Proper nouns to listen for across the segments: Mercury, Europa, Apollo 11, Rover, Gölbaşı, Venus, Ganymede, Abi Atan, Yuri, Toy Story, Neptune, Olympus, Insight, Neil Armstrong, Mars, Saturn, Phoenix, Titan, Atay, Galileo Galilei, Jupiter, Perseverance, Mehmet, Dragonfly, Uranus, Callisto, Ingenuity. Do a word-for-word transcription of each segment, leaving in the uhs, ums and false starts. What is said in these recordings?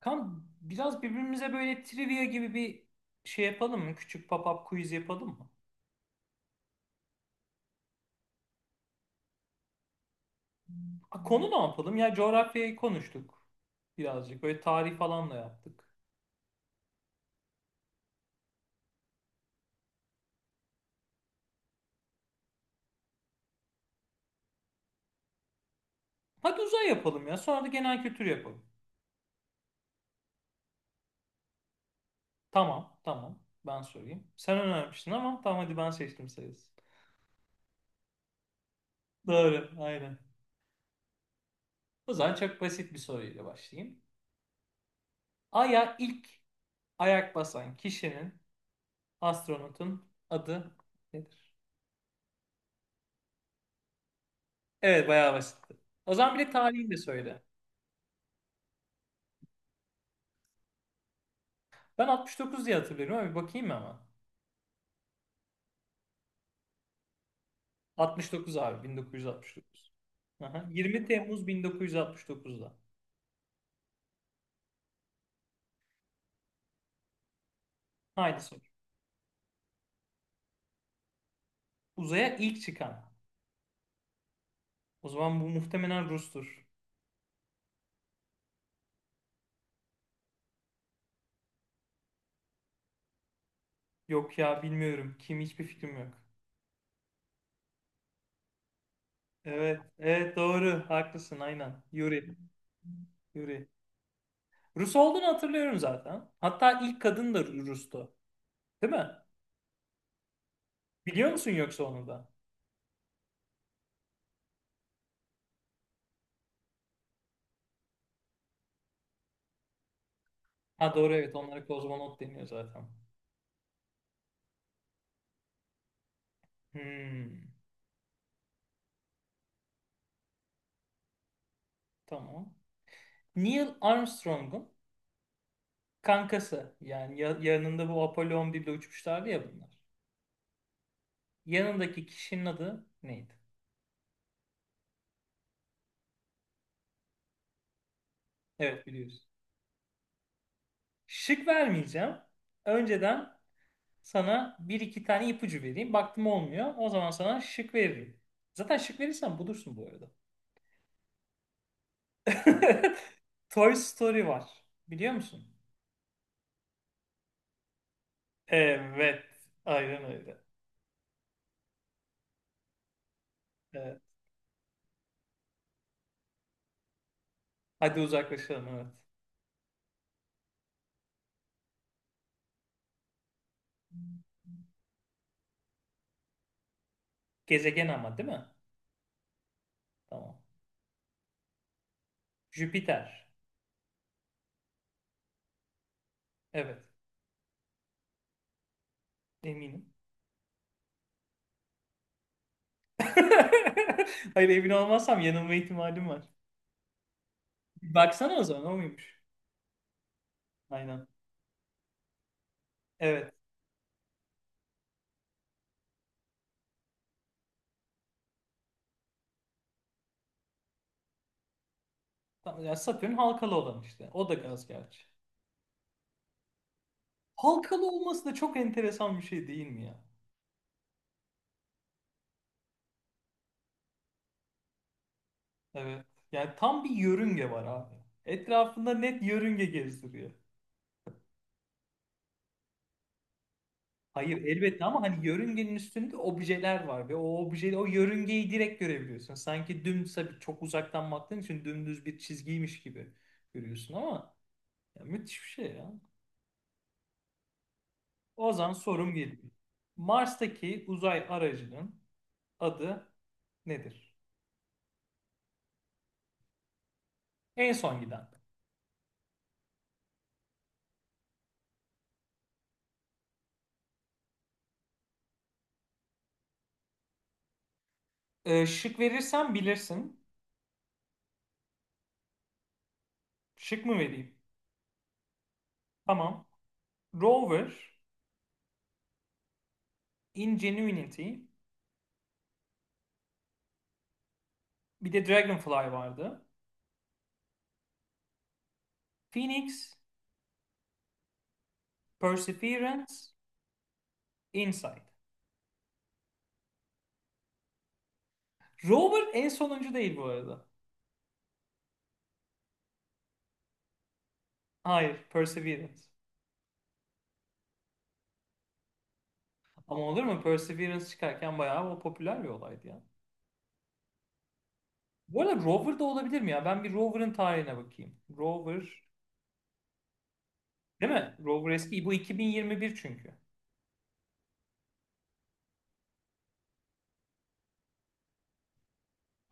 Kan biraz birbirimize böyle trivia gibi bir şey yapalım mı? Küçük pop-up quiz yapalım mı? Ha, konu ne yapalım? Ya coğrafyayı konuştuk birazcık. Böyle tarih falan da yaptık. Hadi uzay yapalım ya. Sonra da genel kültür yapalım. Tamam, tamam. Ben sorayım. Sen önermiştin ama tamam hadi ben seçtim sayısı. Doğru, aynen. O zaman çok basit bir soruyla başlayayım. Ay'a ilk ayak basan kişinin, astronotun adı nedir? Evet, bayağı basitti. O zaman bir de tarihini de söyle. Ben altmış dokuz diye hatırlıyorum ama bir bakayım hemen. altmış dokuz abi, bin dokuz yüz altmış dokuz. Aha, yirmi Temmuz bin dokuz yüz altmış dokuzda. Haydi sor. Uzaya ilk çıkan. O zaman bu muhtemelen Rus'tur. Yok ya, bilmiyorum. Kim, hiçbir fikrim yok. Evet, evet, doğru. Haklısın, aynen. Yuri. Yuri. Rus olduğunu hatırlıyorum zaten. Hatta ilk kadın da Rus'tu. Değil mi? Biliyor musun yoksa onu da? Ha, doğru, evet, onlara kozmonot deniyor zaten. Hmm, tamam. Neil Armstrong'un kankası yani ya- yanında, bu Apollo on birde uçmuşlardı ya bunlar. Yanındaki kişinin adı neydi? Evet, biliyoruz. Şık vermeyeceğim. Önceden sana bir iki tane ipucu vereyim. Baktım olmuyor. O zaman sana şık veririm. Zaten şık verirsem bulursun bu arada. Toy Story var. Biliyor musun? Evet. Aynen öyle. Evet. Hadi uzaklaşalım, evet. Gezegen ama değil mi? Tamam. Jüpiter. Evet. Eminim. Hayır, emin olmazsam yanılma ihtimalim var. Baksana o zaman, o muymuş? Aynen. Evet. Tamam, ya Satürn halkalı olan işte. O da gaz gerçi. Halkalı olması da çok enteresan bir şey, değil mi ya? Evet. Yani tam bir yörünge var abi. Etrafında net yörünge gezdiriyor. Hayır, elbette, ama hani yörüngenin üstünde objeler var ve o obje, o yörüngeyi direkt görebiliyorsun. Sanki dümdüz, tabii çok uzaktan baktığın için dümdüz bir çizgiymiş gibi görüyorsun ama, ya, müthiş bir şey ya. Ozan sorum geliyor. Mars'taki uzay aracının adı nedir? En son giden. Ee, şık verirsem bilirsin. Şık mı vereyim? Tamam. Rover, Ingenuity, bir de Dragonfly vardı. Phoenix, Perseverance, Insight. Rover en sonuncu değil bu arada. Hayır, Perseverance. Ama olur mu? Perseverance çıkarken bayağı o popüler bir olaydı ya. Bu arada Rover da olabilir mi ya? Ben bir Rover'ın tarihine bakayım. Rover. Değil mi? Rover eski. Bu iki bin yirmi bir çünkü.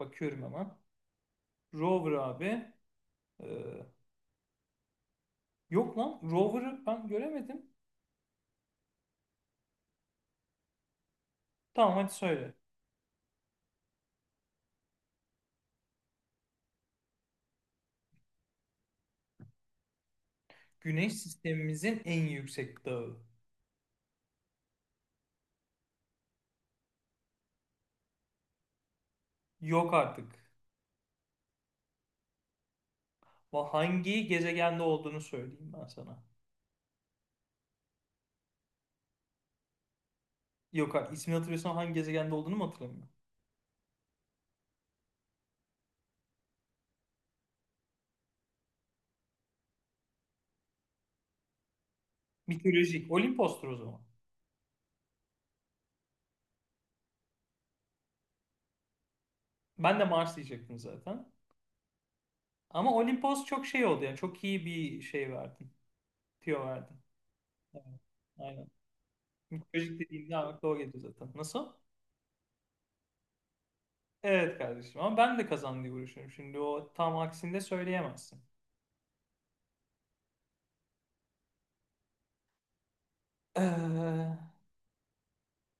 Bakıyorum hemen. Rover abi. Ee, Yok lan. Rover'ı ben göremedim. Tamam, hadi söyle. Güneş sistemimizin en yüksek dağı. Yok artık. Va- Hangi gezegende olduğunu söyleyeyim ben sana. Yok artık. İsmini hatırlıyorsan hangi gezegende olduğunu mu hatırlamıyorum? Mitolojik. Olimpos'tur o zaman. Ben de Mars diyecektim zaten. Ama Olimpos çok şey oldu yani. Çok iyi bir şey verdin. Tüyo verdin. Evet. Aynen. Mitolojik dediğimde aklıma o geliyor zaten. Nasıl? Evet kardeşim, ama ben de kazan diye uğraşıyorum. Şimdi o tam aksinde söyleyemezsin. Ee,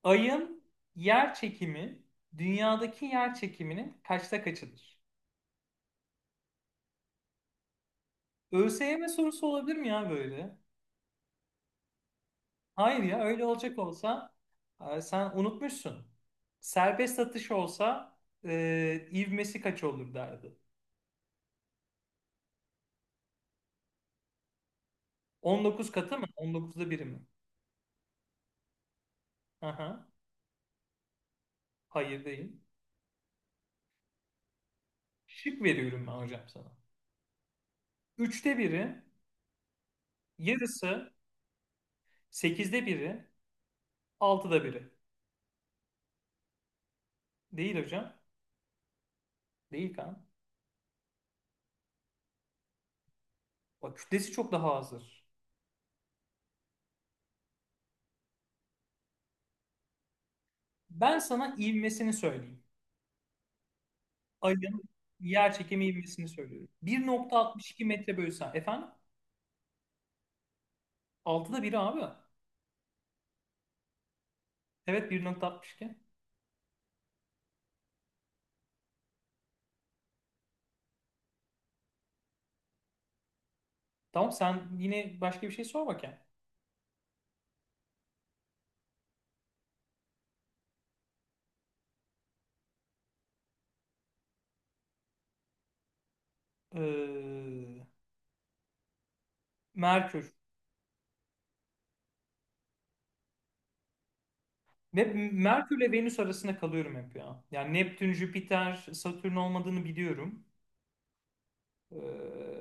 Ayın yer çekimi, dünyadaki yer çekiminin kaçta kaçıdır? ÖSYM sorusu olabilir mi ya böyle? Hayır ya, öyle olacak olsa e, sen unutmuşsun. Serbest atış olsa e, ivmesi kaç olur derdi. On dokuz katı mı? On dokuzda biri mi? Aha, hayır, değil. Şık veriyorum ben hocam sana. Üçte biri, yarısı, sekizde biri, altıda biri. Değil hocam. Değil kan. Bak, kütlesi çok daha azdır. Ben sana ivmesini söyleyeyim. Ayın yer çekimi ivmesini söylüyorum. bir nokta altmış iki metre bölü saniye. Efendim? altıda biri abi. Evet, bir nokta altmış iki. Tamam, sen yine başka bir şey sor bakayım. Ee, Merkür. Ve Merkür ile Venüs arasında kalıyorum hep ya. Yani Neptün, Jüpiter, Satürn olmadığını biliyorum. Ee,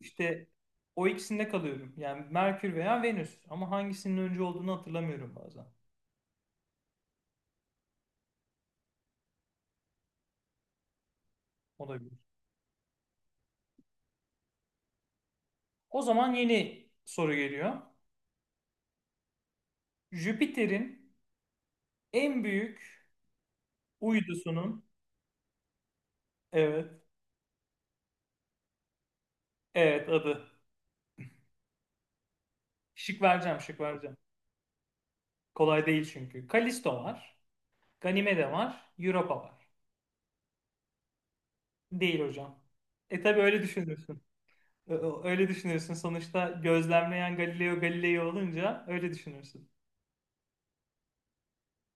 İşte o ikisinde kalıyorum. Yani Merkür veya Venüs. Ama hangisinin önce olduğunu hatırlamıyorum bazen. Olabilir. O zaman yeni soru geliyor. Jüpiter'in en büyük uydusunun, evet, evet, adı. Şık vereceğim, şık vereceğim. Kolay değil çünkü. Kalisto var. Ganimede var. Europa var. Değil hocam. E tabi öyle düşünürsün. Ö- ö- Öyle düşünürsün. Sonuçta gözlemleyen Galileo Galilei olunca öyle düşünürsün.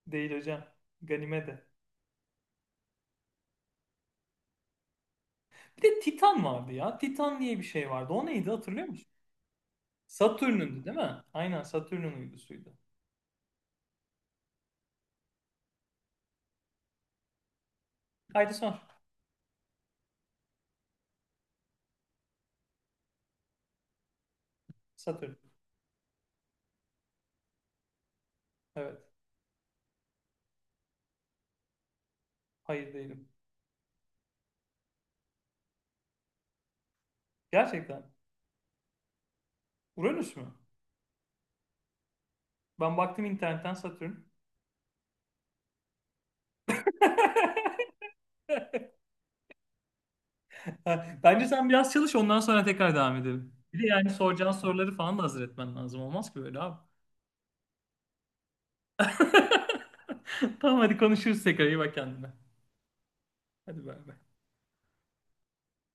Değil hocam. Ganimede. Bir de Titan vardı ya. Titan diye bir şey vardı. O neydi, hatırlıyor musun? Satürn'ündü değil mi? Aynen, Satürn'ün uydusuydu. Haydi sor. Satürn. Evet. Hayır, değilim. Gerçekten. Uranüs mü? Ben baktım internetten, Satürn. Bence sen biraz çalış, ondan sonra tekrar devam edelim. Bir de yani soracağın soruları falan da hazır etmen lazım. Olmaz ki böyle abi. Tamam, hadi konuşuruz tekrar. İyi bak kendine. Hadi bay bay.